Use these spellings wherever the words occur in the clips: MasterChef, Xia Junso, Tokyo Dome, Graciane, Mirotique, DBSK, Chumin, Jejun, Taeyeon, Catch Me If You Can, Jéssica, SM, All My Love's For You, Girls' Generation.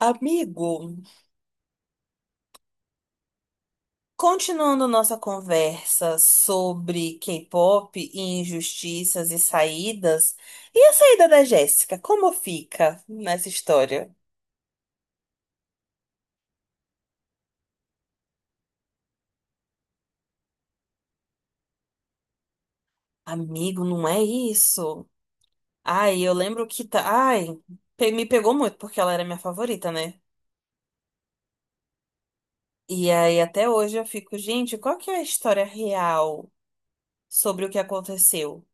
Amigo, continuando nossa conversa sobre K-pop e injustiças e saídas, e a saída da Jéssica, como fica nessa história? Amigo, não é isso. Ai, eu lembro que tá. Ai, me pegou muito porque ela era minha favorita, né? E aí até hoje eu fico, gente, qual que é a história real sobre o que aconteceu?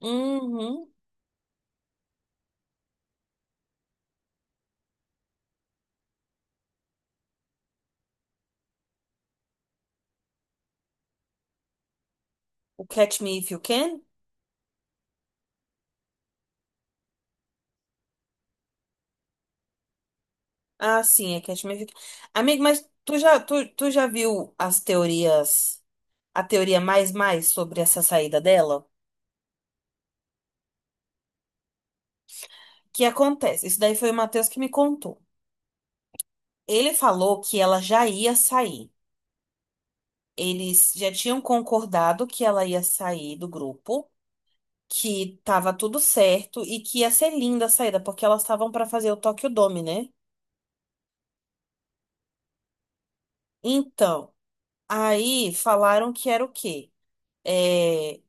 Uhum. O Catch Me If You Can? Ah, sim, é que as minhas... Amigo, mas tu já viu as teorias, a teoria mais sobre essa saída dela? O que acontece? Isso daí foi o Matheus que me contou. Ele falou que ela já ia sair. Eles já tinham concordado que ela ia sair do grupo, que tava tudo certo e que ia ser linda a saída, porque elas estavam para fazer o Tokyo Dome, né? Então, aí falaram que era o quê? É,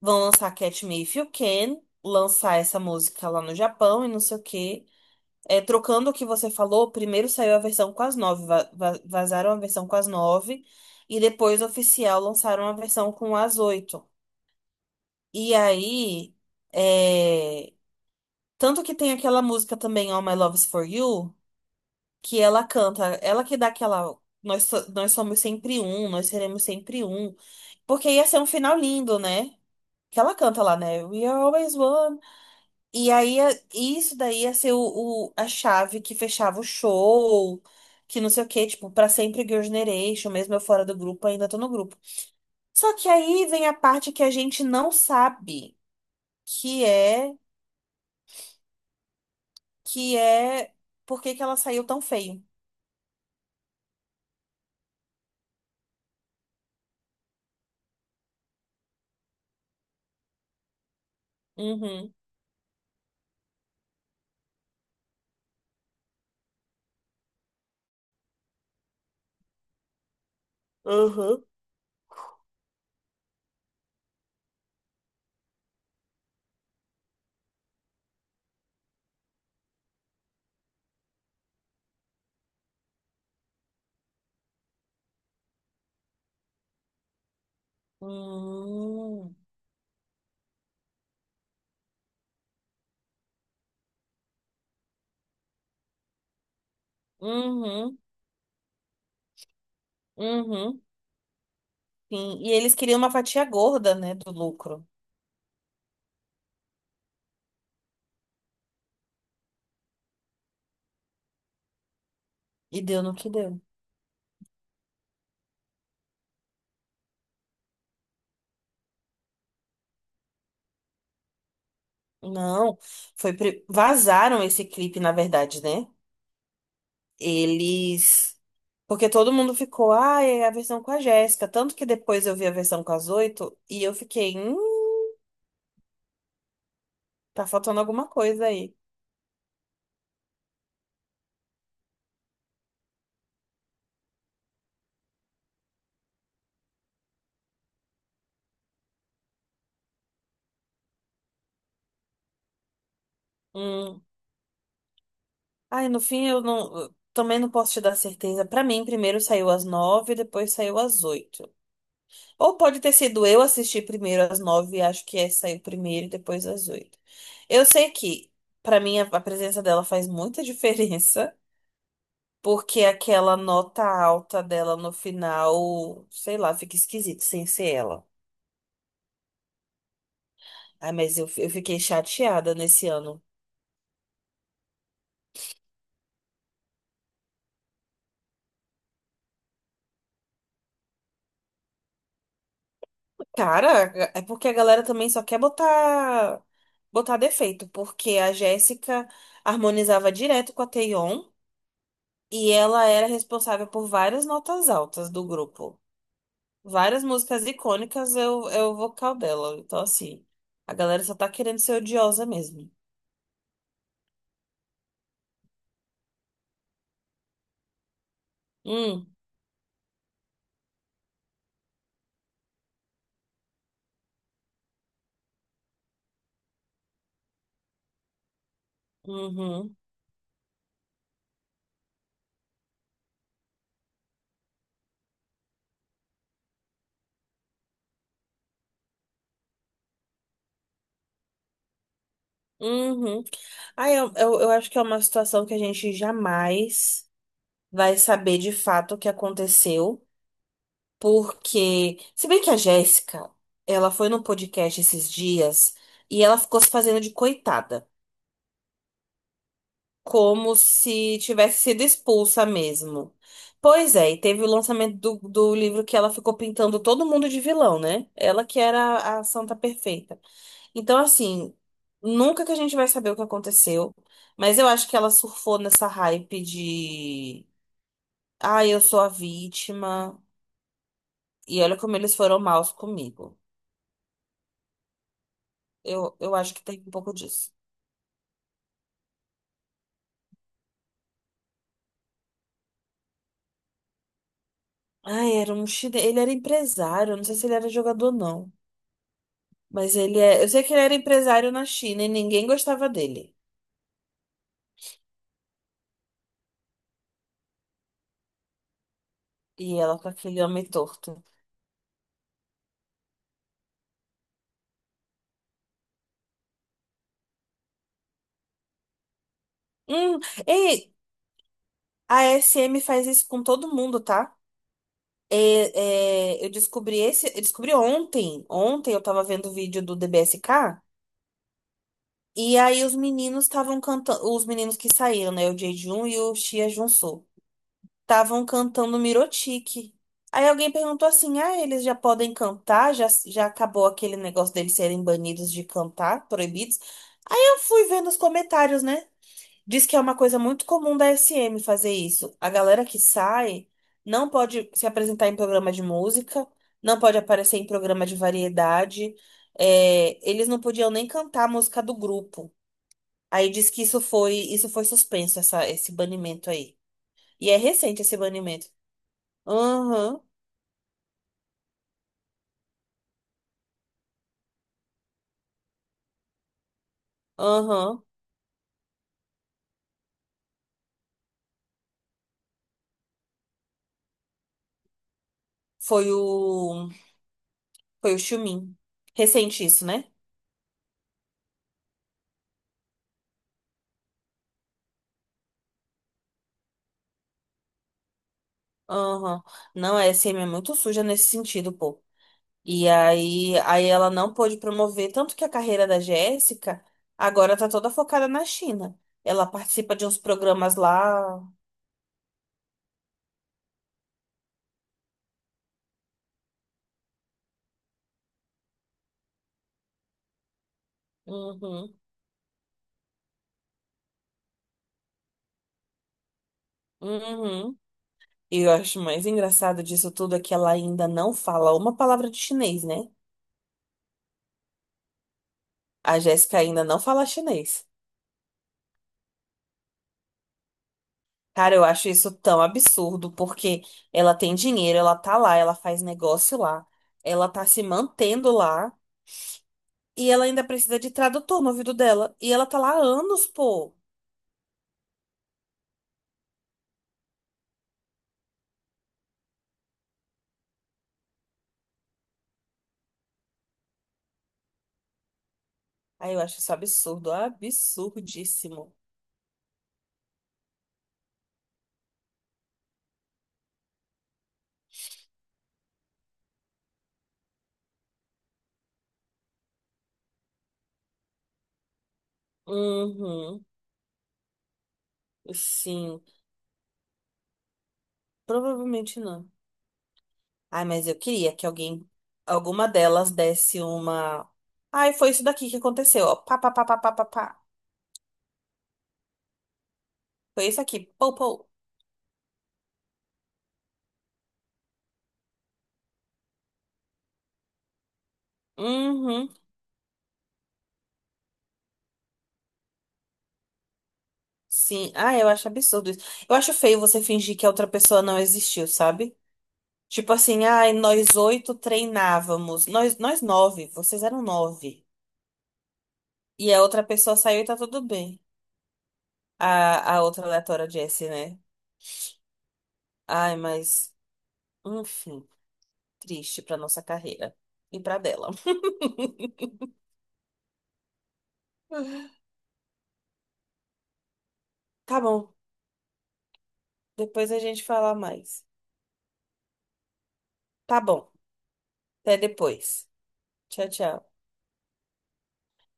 Vão lançar Catch Me If You Can, lançar essa música lá no Japão e não sei o quê. É, trocando o que você falou, primeiro saiu a versão com as nove, vazaram a versão com as nove, e depois oficial lançaram a versão com as oito. E aí, é, tanto que tem aquela música também, All My Love's For You, que ela canta, ela que dá aquela. Nós, nós somos sempre um, nós seremos sempre um. Porque ia ser um final lindo, né? Que ela canta lá, né? We are always one. E aí, isso daí ia ser a chave que fechava o show, que não sei o quê, tipo, pra sempre Girls' Generation, mesmo eu fora do grupo, ainda tô no grupo. Só que aí vem a parte que a gente não sabe, que é, que é por que que ela saiu tão feio. Uhum. Aham. Hum, uhum, uhum, sim. E eles queriam uma fatia gorda, né, do lucro. E deu no que deu. Não, vazaram esse clipe, na verdade, né? Eles. Porque todo mundo ficou, ah, é a versão com a Jéssica. Tanto que depois eu vi a versão com as oito e eu fiquei, tá faltando alguma coisa aí. Hum. Ai, no fim eu não. Eu também não posso te dar certeza. Pra mim, primeiro saiu às nove, depois saiu às oito. Ou pode ter sido eu assistir primeiro às nove, e acho que é, saiu primeiro e depois às oito. Eu sei que, pra mim, a presença dela faz muita diferença. Porque aquela nota alta dela no final, sei lá, fica esquisito sem ser ela. Ai, mas eu fiquei chateada nesse ano. Cara, é porque a galera também só quer botar defeito, porque a Jéssica harmonizava direto com a Taeyeon e ela era responsável por várias notas altas do grupo. Várias músicas icônicas é o vocal dela. Então, assim, a galera só tá querendo ser odiosa mesmo. Hum, uhum. Uhum. Ah, eu acho que é uma situação que a gente jamais vai saber de fato o que aconteceu, porque, se bem que a Jéssica, ela foi no podcast esses dias e ela ficou se fazendo de coitada, como se tivesse sido expulsa mesmo. Pois é, e teve o lançamento do livro que ela ficou pintando todo mundo de vilão, né? Ela que era a santa perfeita. Então, assim, nunca que a gente vai saber o que aconteceu, mas eu acho que ela surfou nessa hype de, ah, eu sou a vítima, e olha como eles foram maus comigo. Eu acho que tem um pouco disso. Ah, era um chile... ele era empresário, eu não sei se ele era jogador ou não, mas ele é, eu sei que ele era empresário na China e ninguém gostava dele. E ela com aquele homem torto. Hum, ei, a SM faz isso com todo mundo, tá? Eu descobri eu descobri ontem. Ontem eu tava vendo o vídeo do DBSK e aí os meninos estavam cantando, os meninos que saíram, né, o Jejun e o Xia Junso, estavam cantando Mirotique. Aí alguém perguntou assim: "Ah, eles já podem cantar? Já já acabou aquele negócio deles serem banidos de cantar, proibidos?" Aí eu fui vendo os comentários, né? Diz que é uma coisa muito comum da SM fazer isso. A galera que sai não pode se apresentar em programa de música, não pode aparecer em programa de variedade. É, eles não podiam nem cantar a música do grupo. Aí diz que isso foi suspenso, esse banimento aí. E é recente esse banimento. Aham, aham. Foi o, foi o Chumin. Recente isso, né? Aham. Não, a SM é muito suja nesse sentido, pô. Aí ela não pôde promover, tanto que a carreira da Jéssica agora tá toda focada na China. Ela participa de uns programas lá. Uhum, uhum. E eu acho mais engraçado disso tudo é que ela ainda não fala uma palavra de chinês, né? A Jéssica ainda não fala chinês. Cara, eu acho isso tão absurdo, porque ela tem dinheiro, ela tá lá, ela faz negócio lá, ela tá se mantendo lá, e ela ainda precisa de tradutor no ouvido dela. E ela tá lá há anos, pô. Aí eu acho isso absurdo, absurdíssimo. Uhum, sim, provavelmente não. Ai, mas eu queria que alguém, alguma delas desse uma. Ai, foi isso daqui que aconteceu, ó. Pá, pá, pá, pá, pá, pá, pá. Foi isso aqui, pou, pou. Uhum, sim. Ai, eu acho absurdo isso. Eu acho feio você fingir que a outra pessoa não existiu, sabe? Tipo assim, ai, nós oito treinávamos, nós nove, vocês eram nove. E a outra pessoa saiu e tá tudo bem. A outra aleatória é Jessie, né? Ai, mas, enfim, triste pra nossa carreira e pra dela. Tá bom, depois a gente fala mais. Tá bom, até depois. Tchau, tchau.